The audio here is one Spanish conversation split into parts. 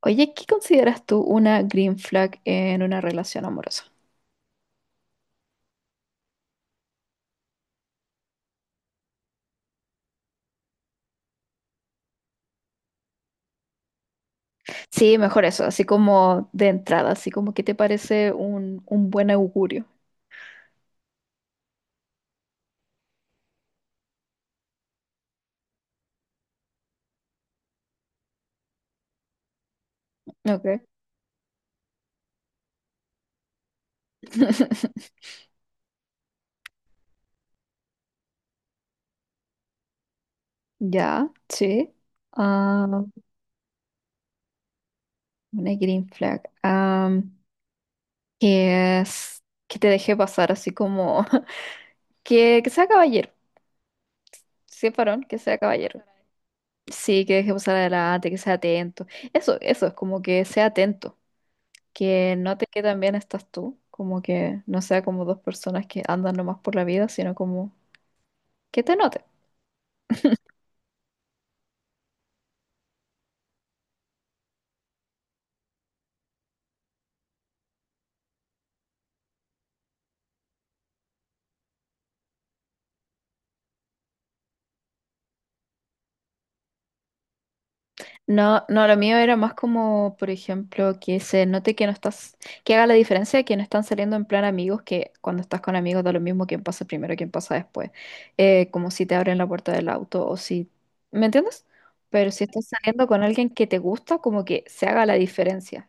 Oye, ¿qué consideras tú una green flag en una relación amorosa? Sí, mejor eso, así como de entrada, así como que te parece un buen augurio. Ok. Ya, sí. Ah, una green flag. Que es que te deje pasar así como que sea caballero. Sí, es varón, que sea caballero. Sí, que deje pasar adelante, que sea atento. Eso es como que sea atento. Que note que también estás tú, como que no sea como dos personas que andan nomás por la vida, sino como que te note. No, no, lo mío era más como, por ejemplo, que se note que no estás, que haga la diferencia que no están saliendo en plan amigos, que cuando estás con amigos da lo mismo quién pasa primero, quién pasa después. Como si te abren la puerta del auto o si, ¿me entiendes? Pero si estás saliendo con alguien que te gusta, como que se haga la diferencia.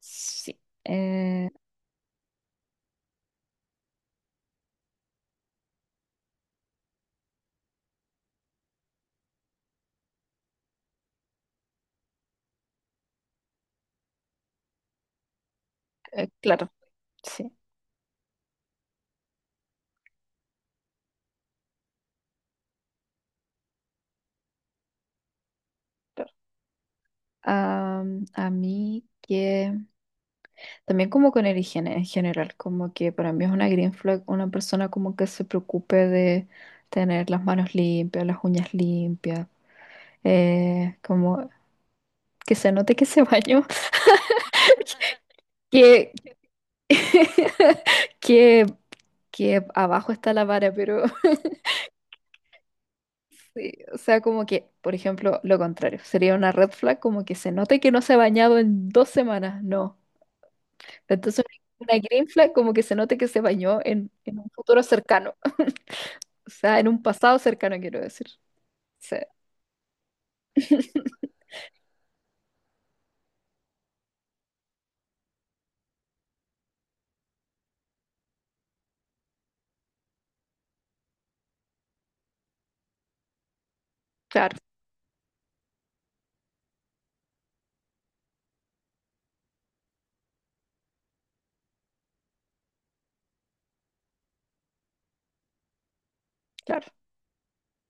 Sí. Claro, sí. Claro. A mí que también como con el higiene en general, como que para mí es una green flag una persona como que se preocupe de tener las manos limpias, las uñas limpias, como que se note que se bañó, que, que, que abajo está la vara, pero sí, o sea, como que, por ejemplo, lo contrario, sería una red flag como que se note que no se ha bañado en dos semanas, no. Entonces, una green flag como que se note que se bañó en un futuro cercano, o sea, en un pasado cercano, quiero decir. Sí, claro, claro,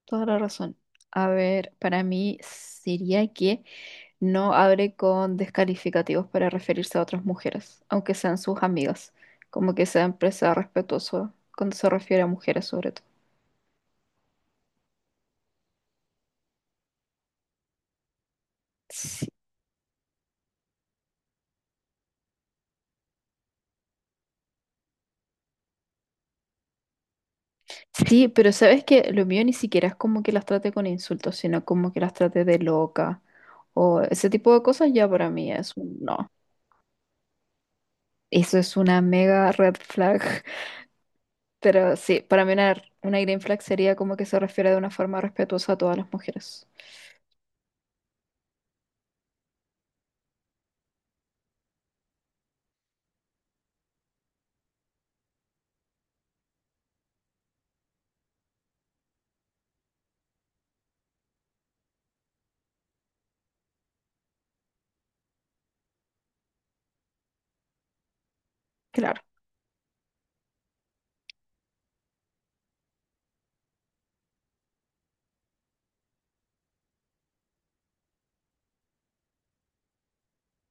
toda la razón. A ver, para mí sería que no hable con descalificativos para referirse a otras mujeres, aunque sean sus amigas, como que sea empresa respetuoso cuando se refiere a mujeres sobre todo. Sí. Sí, pero sabes que lo mío ni siquiera es como que las trate con insultos, sino como que las trate de loca o ese tipo de cosas ya para mí es un no. Eso es una mega red flag. Pero sí, para mí una green flag sería como que se refiere de una forma respetuosa a todas las mujeres. Claro.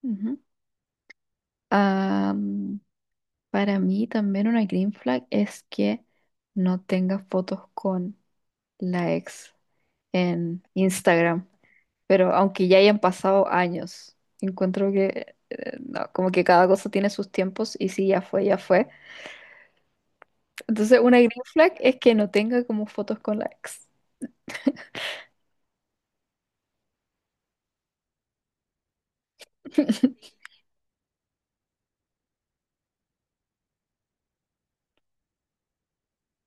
Ujú. Ah, mm, para mí también una green flag es que no tenga fotos con la ex en Instagram. Pero aunque ya hayan pasado años, encuentro que no, como que cada cosa tiene sus tiempos y si ya fue, ya fue. Entonces, una green flag es que no tenga como fotos con la ex.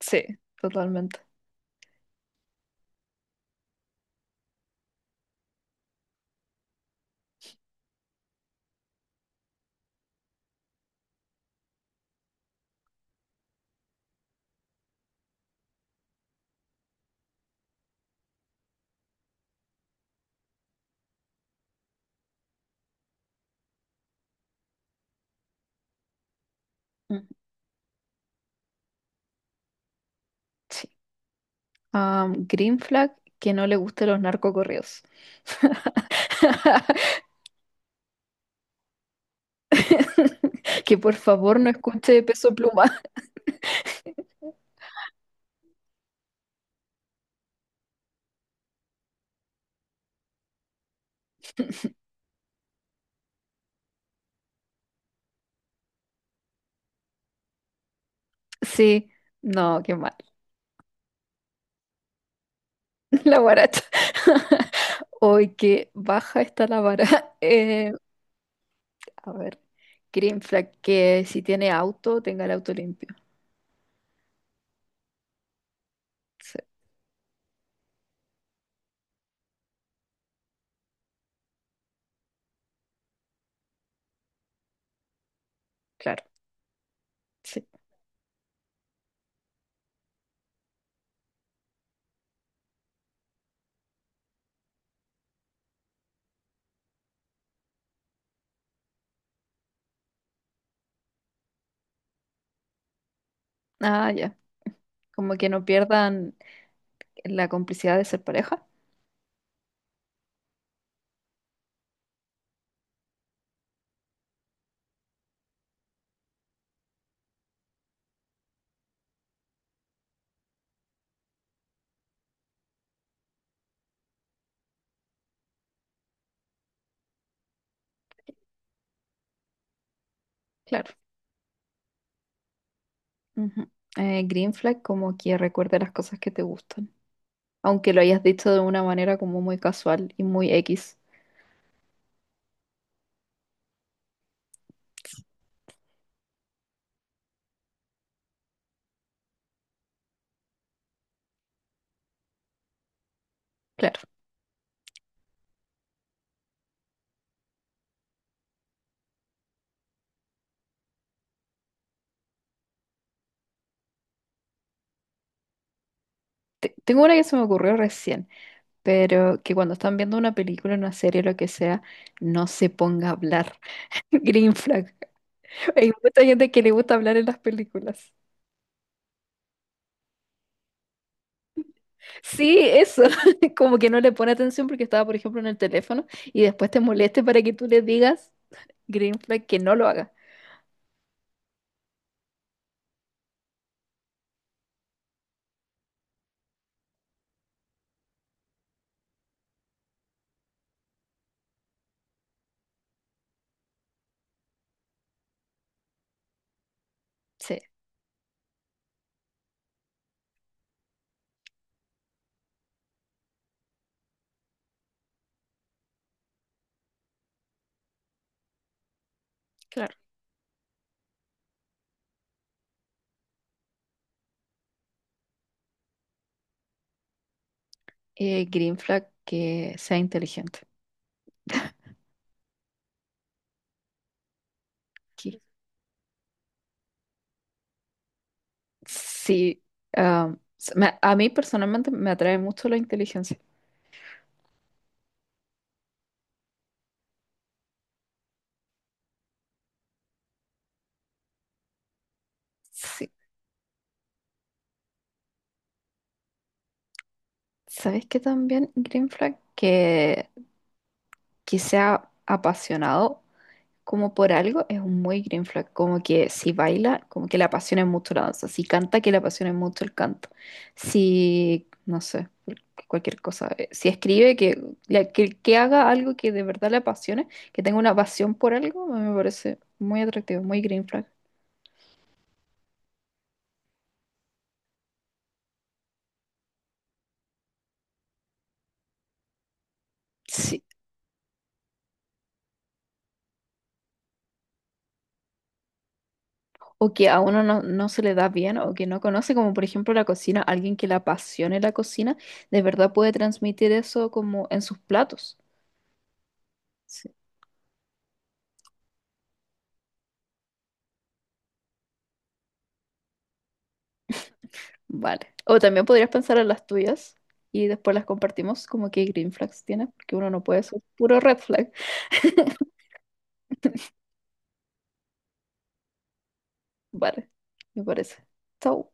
Sí, totalmente. Mm, sí. Green flag que no le gusten los narcocorridos. Que por favor no escuche Peso Pluma. Sí, no, qué mal. La guaracha. Hoy que baja está la vara. Eh, A ver, green flag, que si tiene auto, tenga el auto limpio. Sí, claro, sí. Ah, ya. Como que no pierdan la complicidad de ser pareja. Claro. Ujú. Green flag, como que recuerde las cosas que te gustan. Aunque lo hayas dicho de una manera como muy casual y muy X. Claro. Tengo una que se me ocurrió recién, pero que cuando están viendo una película, una serie, lo que sea, no se ponga a hablar. Green flag. Hay mucha gente que le gusta hablar en las películas. Sí, eso, como que no le pone atención porque estaba, por ejemplo, en el teléfono y después te moleste para que tú le digas green flag que no lo haga. Sí. Claro. Green flag que sea inteligente. Que- Sí, a mí personalmente me atrae mucho la inteligencia. Sí, ¿sabes qué también green flag? Que sea apasionado como por algo, es un muy green flag. Como que si baila, como que le apasiona mucho la danza. Si canta, que le apasiona mucho el canto. Si, no sé, cualquier cosa. Si escribe, que haga algo que de verdad le apasione, que tenga una pasión por algo, me parece muy atractivo, muy green flag. Sí. O que a uno no se le da bien o que no conoce, como por ejemplo la cocina, alguien que le apasione la cocina, de verdad puede transmitir eso como en sus platos. Vale. O también podrías pensar en las tuyas y después las compartimos como que green flags tienes, porque uno no puede ser puro red flag. Vale, me parece. Chau.